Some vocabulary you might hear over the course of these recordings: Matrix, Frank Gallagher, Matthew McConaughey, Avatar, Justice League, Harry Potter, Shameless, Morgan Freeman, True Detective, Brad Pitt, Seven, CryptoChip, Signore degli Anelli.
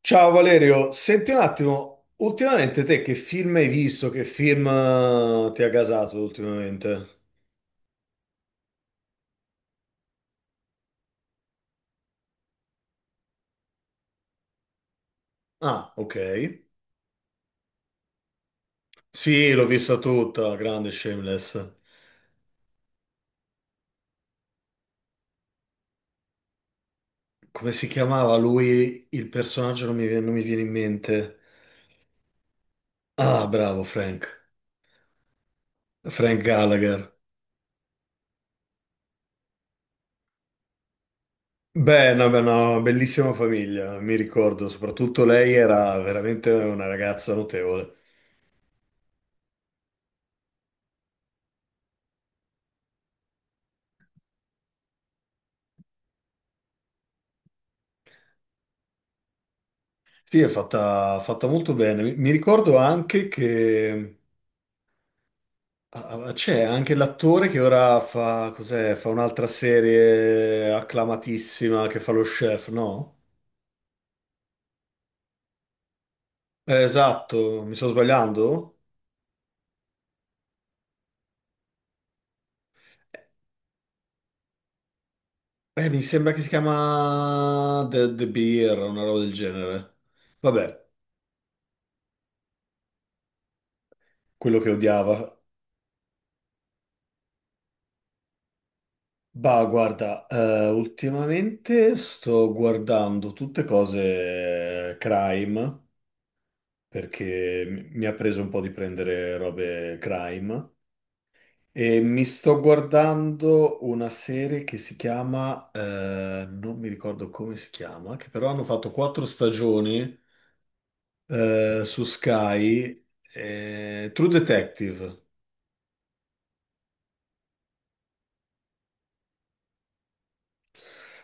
Ciao Valerio, senti un attimo, ultimamente te che film hai visto? Che film ti ha gasato ultimamente? Ah, ok. Sì, l'ho vista tutta, grande Shameless. Come si chiamava lui? Il personaggio non mi viene in mente. Ah, bravo Frank. Frank Gallagher. Beh, no, bellissima famiglia, mi ricordo. Soprattutto lei era veramente una ragazza notevole. Sì, è fatta molto bene. Mi ricordo anche che ah, ah, c'è anche l'attore che ora fa, cos'è, fa un'altra serie acclamatissima che fa lo chef, no? Esatto, mi sto sbagliando? Mi sembra che si chiama The Beer, una roba del genere. Vabbè, quello che odiava. Bah, guarda, ultimamente sto guardando tutte cose crime, perché mi ha preso un po' di prendere robe crime. E mi sto guardando una serie che si chiama, non mi ricordo come si chiama, che però hanno fatto quattro stagioni su Sky, True Detective.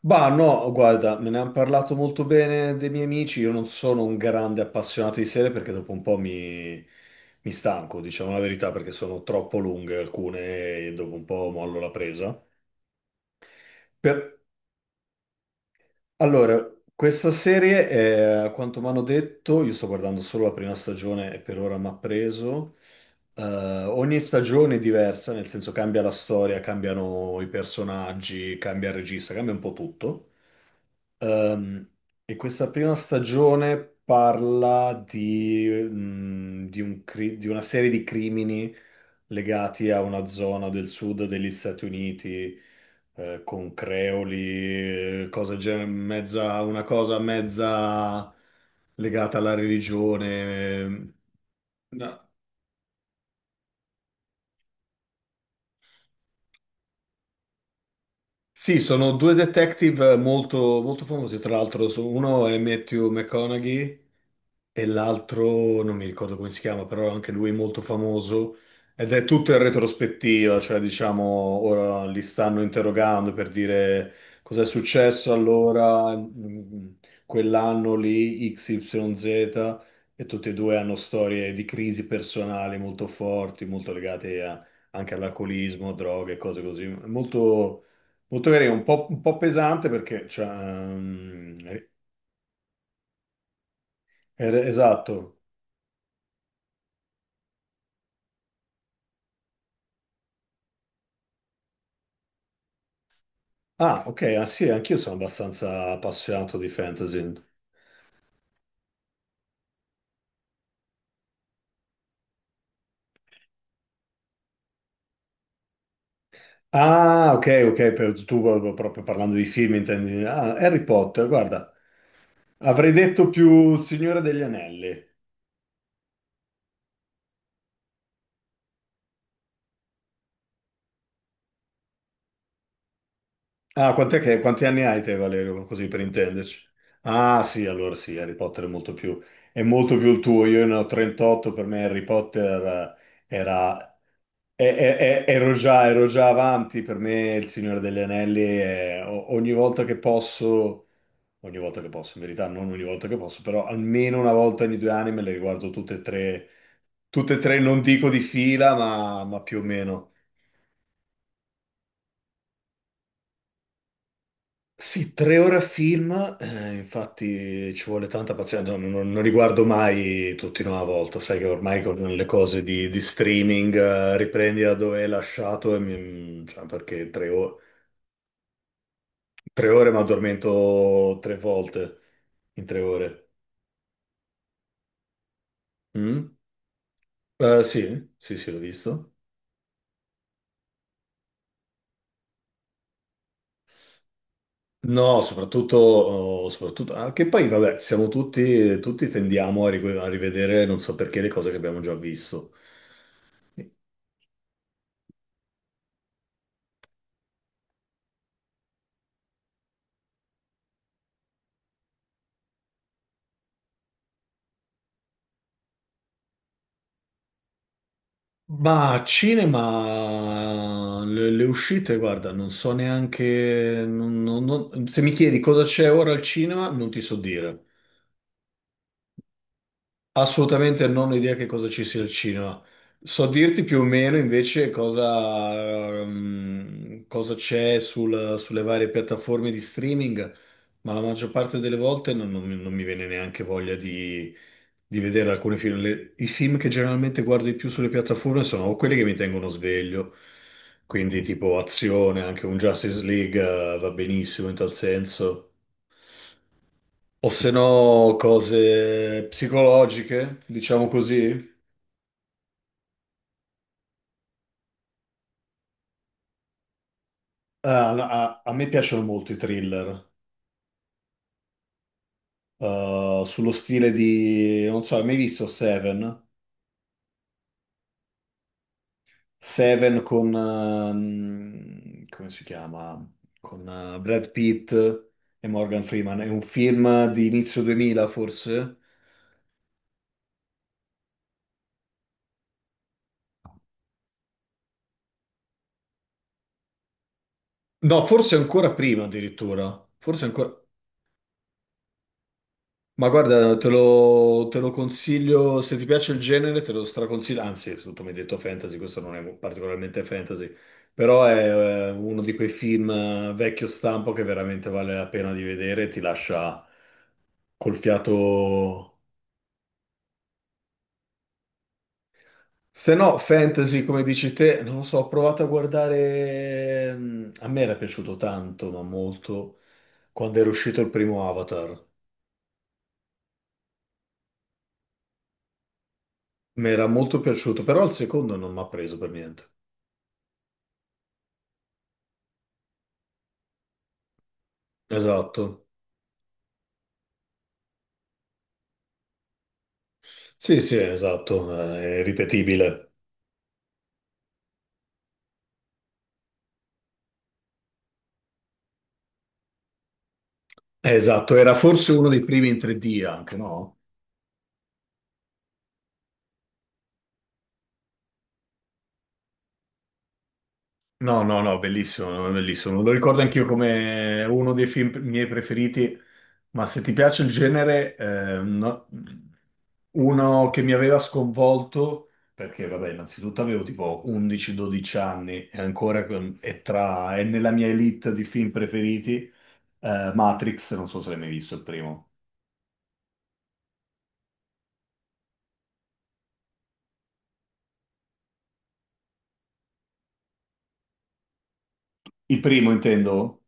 Bah, no, guarda, me ne hanno parlato molto bene dei miei amici. Io non sono un grande appassionato di serie perché dopo un po' mi stanco, diciamo la verità, perché sono troppo lunghe alcune e dopo un po' mollo la presa. Per- Allora, questa serie, è, a quanto mi hanno detto, io sto guardando solo la prima stagione e per ora mi ha preso. Ogni stagione è diversa, nel senso cambia la storia, cambiano i personaggi, cambia il regista, cambia un po' tutto. Ehm, e questa prima stagione parla di una serie di crimini legati a una zona del sud degli Stati Uniti, con creoli, una cosa mezza legata alla religione. No. Sì, sono due detective molto, molto famosi, tra l'altro, uno è Matthew McConaughey e l'altro non mi ricordo come si chiama, però anche lui è molto famoso ed è tutto in retrospettiva, cioè diciamo ora li stanno interrogando per dire cos'è successo allora quell'anno lì XYZ e tutti e due hanno storie di crisi personali molto forti, molto legate anche all'alcolismo, droghe, cose così, molto molto carino, un po' pesante perché, cioè, esatto. Ah, ok, ah sì, anch'io sono abbastanza appassionato di fantasy. Ah, ok, ok, tu proprio proprio parlando di film intendi. Ah, Harry Potter, guarda, avrei detto più Signore degli Anelli. Ah, quanti anni hai te, Valerio, così per intenderci? Ah, sì, allora sì, Harry Potter è molto più il tuo. Io ne ho 38, per me Harry Potter era... Ero già avanti, per me il Signore degli Anelli è ogni volta che posso... ogni volta che posso, in verità non ogni volta che posso, però almeno una volta ogni 2 anni me le riguardo tutte e tre non dico di fila, ma più o meno. Sì, 3 ore a film, infatti ci vuole tanta pazienza, non li guardo mai tutti in una volta, sai che ormai con le cose di streaming riprendi da dove hai lasciato, cioè, perché tre ore mi addormento tre volte in 3 ore. Mm? Sì, sì, sì, l'ho visto. No, soprattutto anche poi, vabbè, siamo tutti tendiamo a rivedere, non so perché, le cose che abbiamo già visto. Ma cinema, le uscite, guarda, non so neanche, se mi chiedi cosa c'è ora al cinema, non ti so dire. Assolutamente non ho idea che cosa ci sia il cinema. So dirti più o meno invece cosa c'è sulle varie piattaforme di streaming, ma la maggior parte delle volte non mi viene neanche voglia di vedere alcuni film. I film che generalmente guardo di più sulle piattaforme sono o quelli che mi tengono sveglio, quindi tipo azione, anche un Justice League, va benissimo in tal senso. O se no, cose psicologiche, diciamo così. A me piacciono molto i thriller, sullo stile di, non so, hai mai visto Seven? Seven con, come si chiama? Con Brad Pitt e Morgan Freeman. È un film di inizio 2000, forse? No, forse ancora prima addirittura. Forse ancora. Ma guarda, te lo consiglio, se ti piace il genere, te lo straconsiglio, anzi, tu mi hai detto fantasy, questo non è particolarmente fantasy, però è uno di quei film vecchio stampo che veramente vale la pena di vedere, ti lascia col fiato... Se no, fantasy, come dici te, non lo so, ho provato a guardare... A me era piaciuto tanto, ma molto, quando era uscito il primo Avatar. Mi era molto piaciuto, però il secondo non mi ha preso per niente. Esatto. Sì, sì, esatto, è ripetibile. Esatto, era forse uno dei primi in 3D anche, no? No, no, no, bellissimo, no, bellissimo. Lo ricordo anch'io come uno dei film miei preferiti, ma se ti piace il genere, no- uno che mi aveva sconvolto, perché vabbè, innanzitutto avevo tipo 11-12 anni e ancora è nella mia elite di film preferiti, Matrix, non so se l'hai mai visto il primo. Il primo intendo?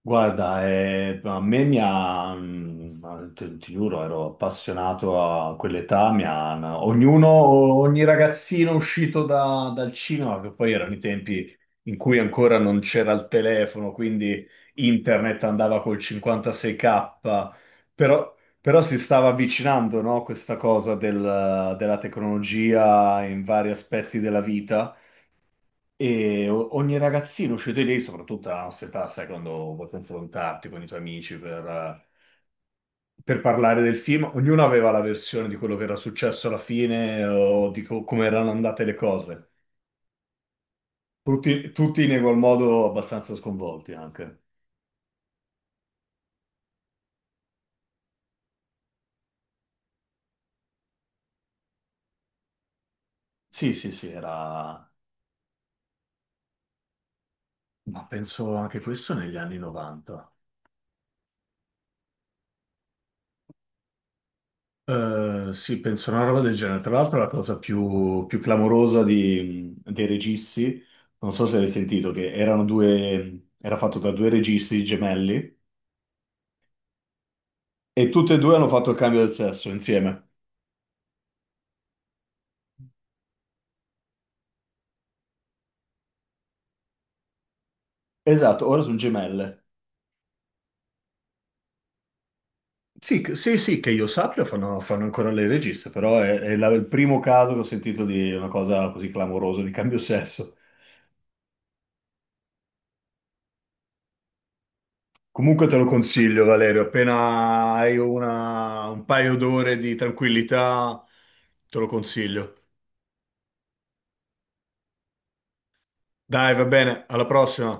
Guarda, a me mi ti giuro, ero appassionato a quell'età, ognuno, ogni ragazzino uscito dal cinema, che poi erano i tempi in cui ancora non c'era il telefono, quindi internet andava col 56K, però, però si stava avvicinando, no, questa cosa della tecnologia in vari aspetti della vita. E ogni ragazzino, cioè te lì, soprattutto alla nostra età, sai, quando vuoi confrontarti con i tuoi amici per parlare del film, ognuno aveva la versione di quello che era successo alla fine o di come erano andate le cose. Tutti in quel modo abbastanza sconvolti anche. Sì, sì, sì, era... Ma penso anche questo negli anni 90. Sì, penso una roba del genere. Tra l'altro, la cosa più, più clamorosa dei registi, non so se l'hai sentito, che erano due, era fatto da due registi gemelli e tutte e due hanno fatto il cambio del sesso insieme. Esatto, ora sono gemelle. Sì, sì, sì, che io sappia, fanno ancora le registe, però il primo caso che ho sentito di una cosa così clamorosa di cambio sesso. Comunque te lo consiglio, Valerio, appena hai un paio d'ore di tranquillità, te lo consiglio. Dai, va bene, alla prossima.